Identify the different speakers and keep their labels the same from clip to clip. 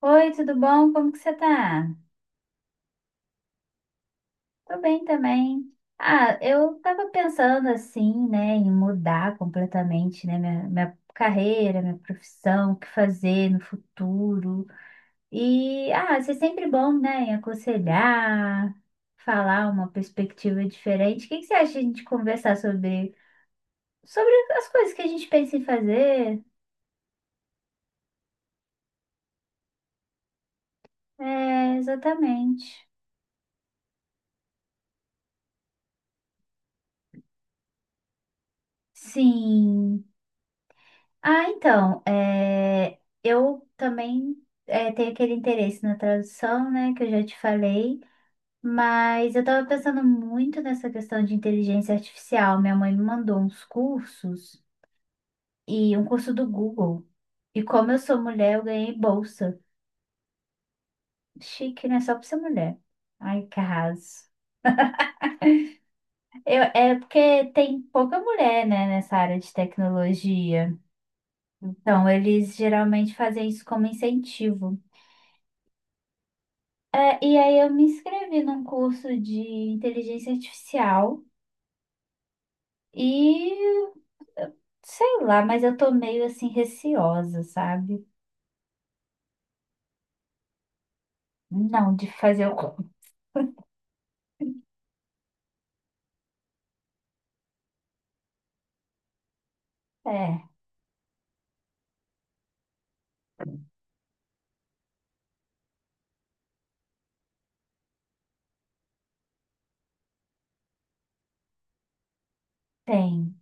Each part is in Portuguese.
Speaker 1: Oi, tudo bom? Como que você tá? Tô bem também. Eu tava pensando assim, né, em mudar completamente, né, minha carreira, minha profissão, o que fazer no futuro. E, isso é sempre bom, né, em aconselhar, falar uma perspectiva diferente. O que que você acha de a gente conversar sobre as coisas que a gente pensa em fazer? É, exatamente. Sim. Ah, então, é, eu também tenho aquele interesse na tradução, né, que eu já te falei, mas eu estava pensando muito nessa questão de inteligência artificial. Minha mãe me mandou uns cursos e um curso do Google. E como eu sou mulher, eu ganhei bolsa. Chique, né? Só por ser mulher. Ai, que arraso. É porque tem pouca mulher, né, nessa área de tecnologia. Então, eles geralmente fazem isso como incentivo. É, e aí eu me inscrevi num curso de inteligência artificial e eu- sei lá, mas eu tô meio assim receosa, sabe? Não, de fazer o curso. É, tem.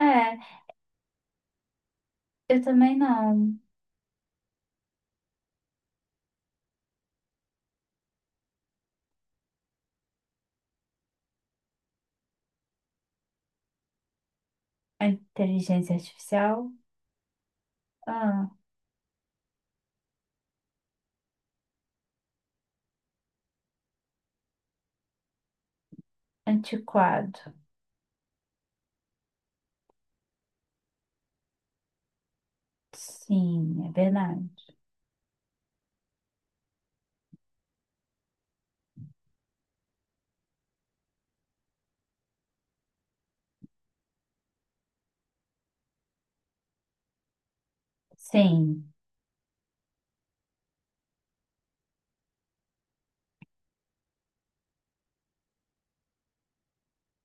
Speaker 1: É, eu também não. A inteligência artificial? Ah, antiquado. Sim, é verdade. Sim.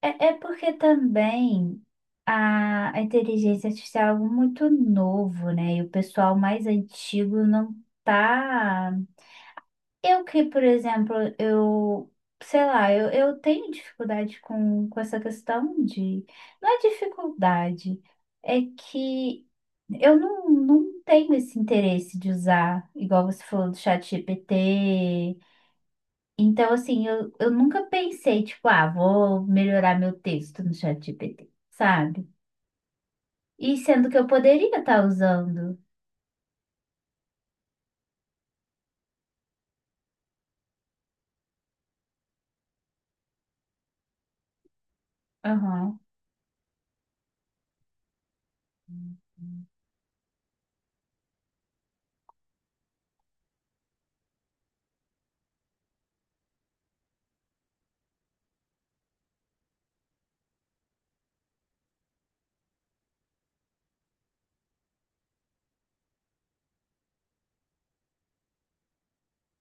Speaker 1: É, é porque também a inteligência artificial é algo muito novo, né? E o pessoal mais antigo não tá. Eu que, por exemplo, eu, sei lá, eu tenho dificuldade com essa questão de. Não é dificuldade, é que eu não, não tenho esse interesse de usar, igual você falou do chat GPT. Então, assim, eu nunca pensei, tipo, ah, vou melhorar meu texto no chat GPT, sabe? E sendo que eu poderia estar usando. Aham.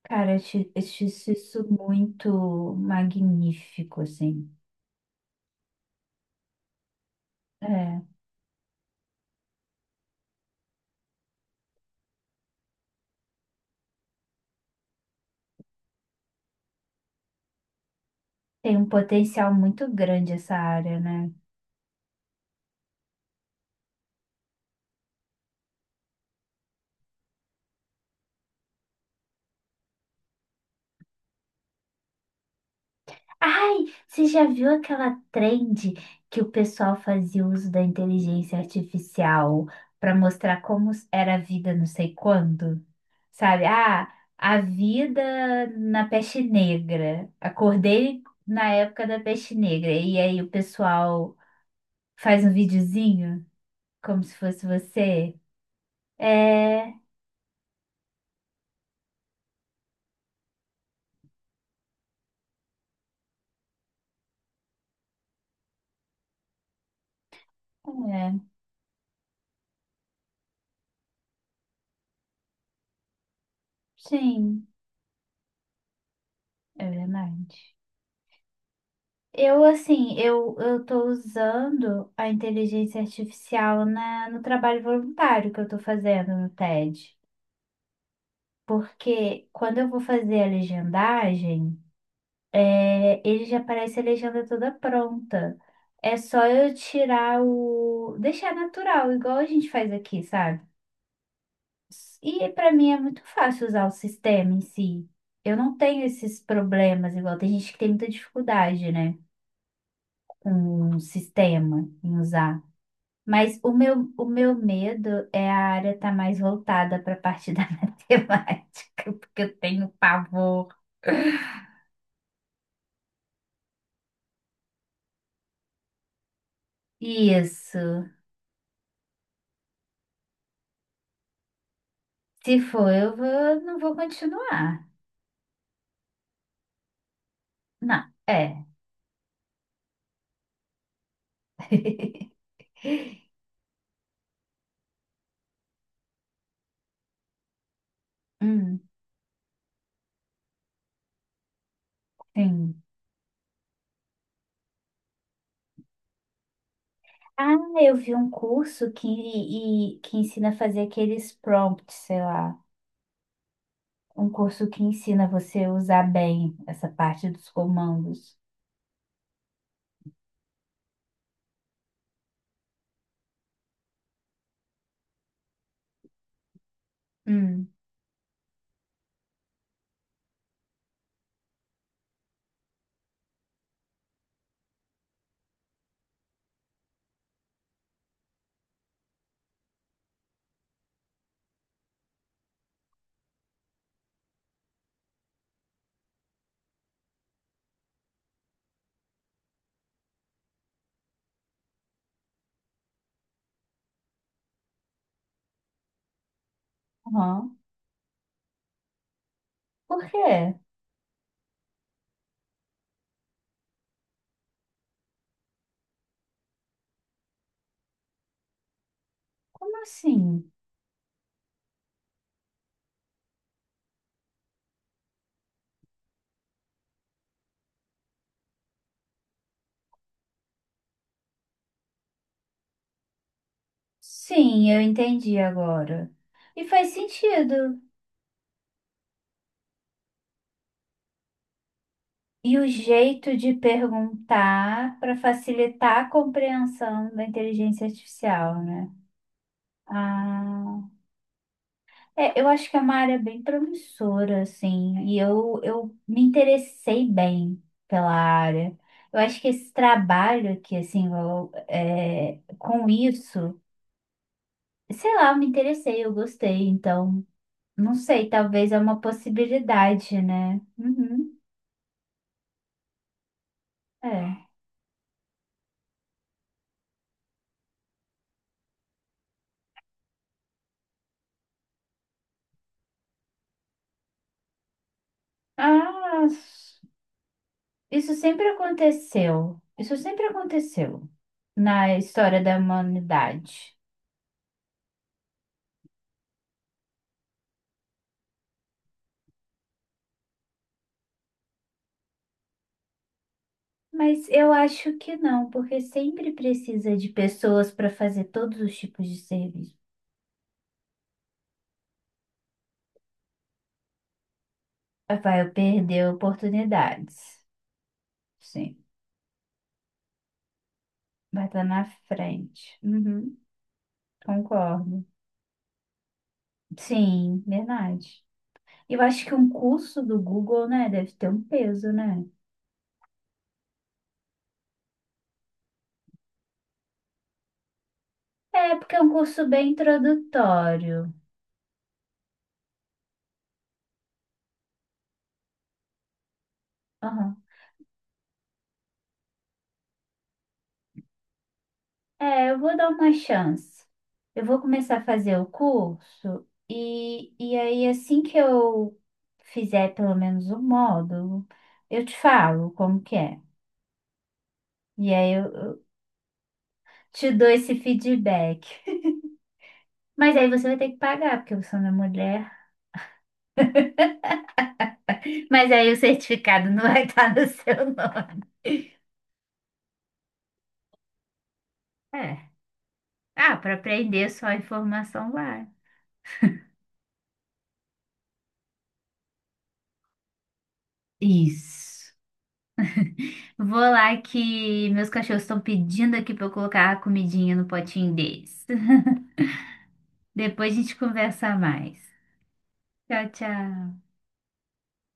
Speaker 1: Cara, eu acho isso muito magnífico, assim. É, tem um potencial muito grande essa área, né? Ai, você já viu aquela trend que o pessoal fazia uso da inteligência artificial para mostrar como era a vida não sei quando? Sabe? Ah, a vida na peste negra. Acordei na época da peste negra. E aí o pessoal faz um videozinho como se fosse você. É, é, sim, é verdade. Eu tô usando a inteligência artificial no trabalho voluntário que eu tô fazendo no TED. Porque quando eu vou fazer a legendagem, é, ele já aparece a legenda toda pronta. É só eu tirar o... Deixar natural, igual a gente faz aqui, sabe? E para mim é muito fácil usar o sistema em si. Eu não tenho esses problemas, igual tem gente que tem muita dificuldade, né? Com o sistema em usar. Mas o meu medo é a área estar mais voltada para a parte da matemática, porque eu tenho pavor. Isso. Se for, eu vou, não vou continuar. Não, é. Hum, sim. Ah, eu vi um curso que ensina a fazer aqueles prompts, sei lá. Um curso que ensina você a usar bem essa parte dos comandos. Hum. Aham. Por quê? Como assim? Sim, eu entendi agora. E faz sentido. E o jeito de perguntar para facilitar a compreensão da inteligência artificial, né? Ah, é, eu acho que é uma área bem promissora, assim, e eu me interessei bem pela área. Eu acho que esse trabalho aqui, assim, eu, é, com isso, sei lá, eu me interessei, eu gostei, então, não sei, talvez é uma possibilidade, né? Uhum. É. Ah, isso sempre aconteceu. Isso sempre aconteceu na história da humanidade. Mas eu acho que não, porque sempre precisa de pessoas para fazer todos os tipos de serviço. Vai perder oportunidades. Sim, vai estar na frente. Uhum, concordo. Sim, verdade. Eu acho que um curso do Google, né, deve ter um peso, né? É, porque é um curso bem introdutório. Aham. É, eu vou dar uma chance. Eu vou começar a fazer o curso e aí assim que eu fizer pelo menos um módulo, eu te falo como que é. E aí eu te dou esse feedback. Mas aí você vai ter que pagar, porque você não é mulher. Mas aí o certificado não vai estar no seu nome. É. Ah, para aprender só a informação vai. Isso. Vou lá que meus cachorros estão pedindo aqui para eu colocar a comidinha no potinho deles. Depois a gente conversa mais. Tchau, tchau.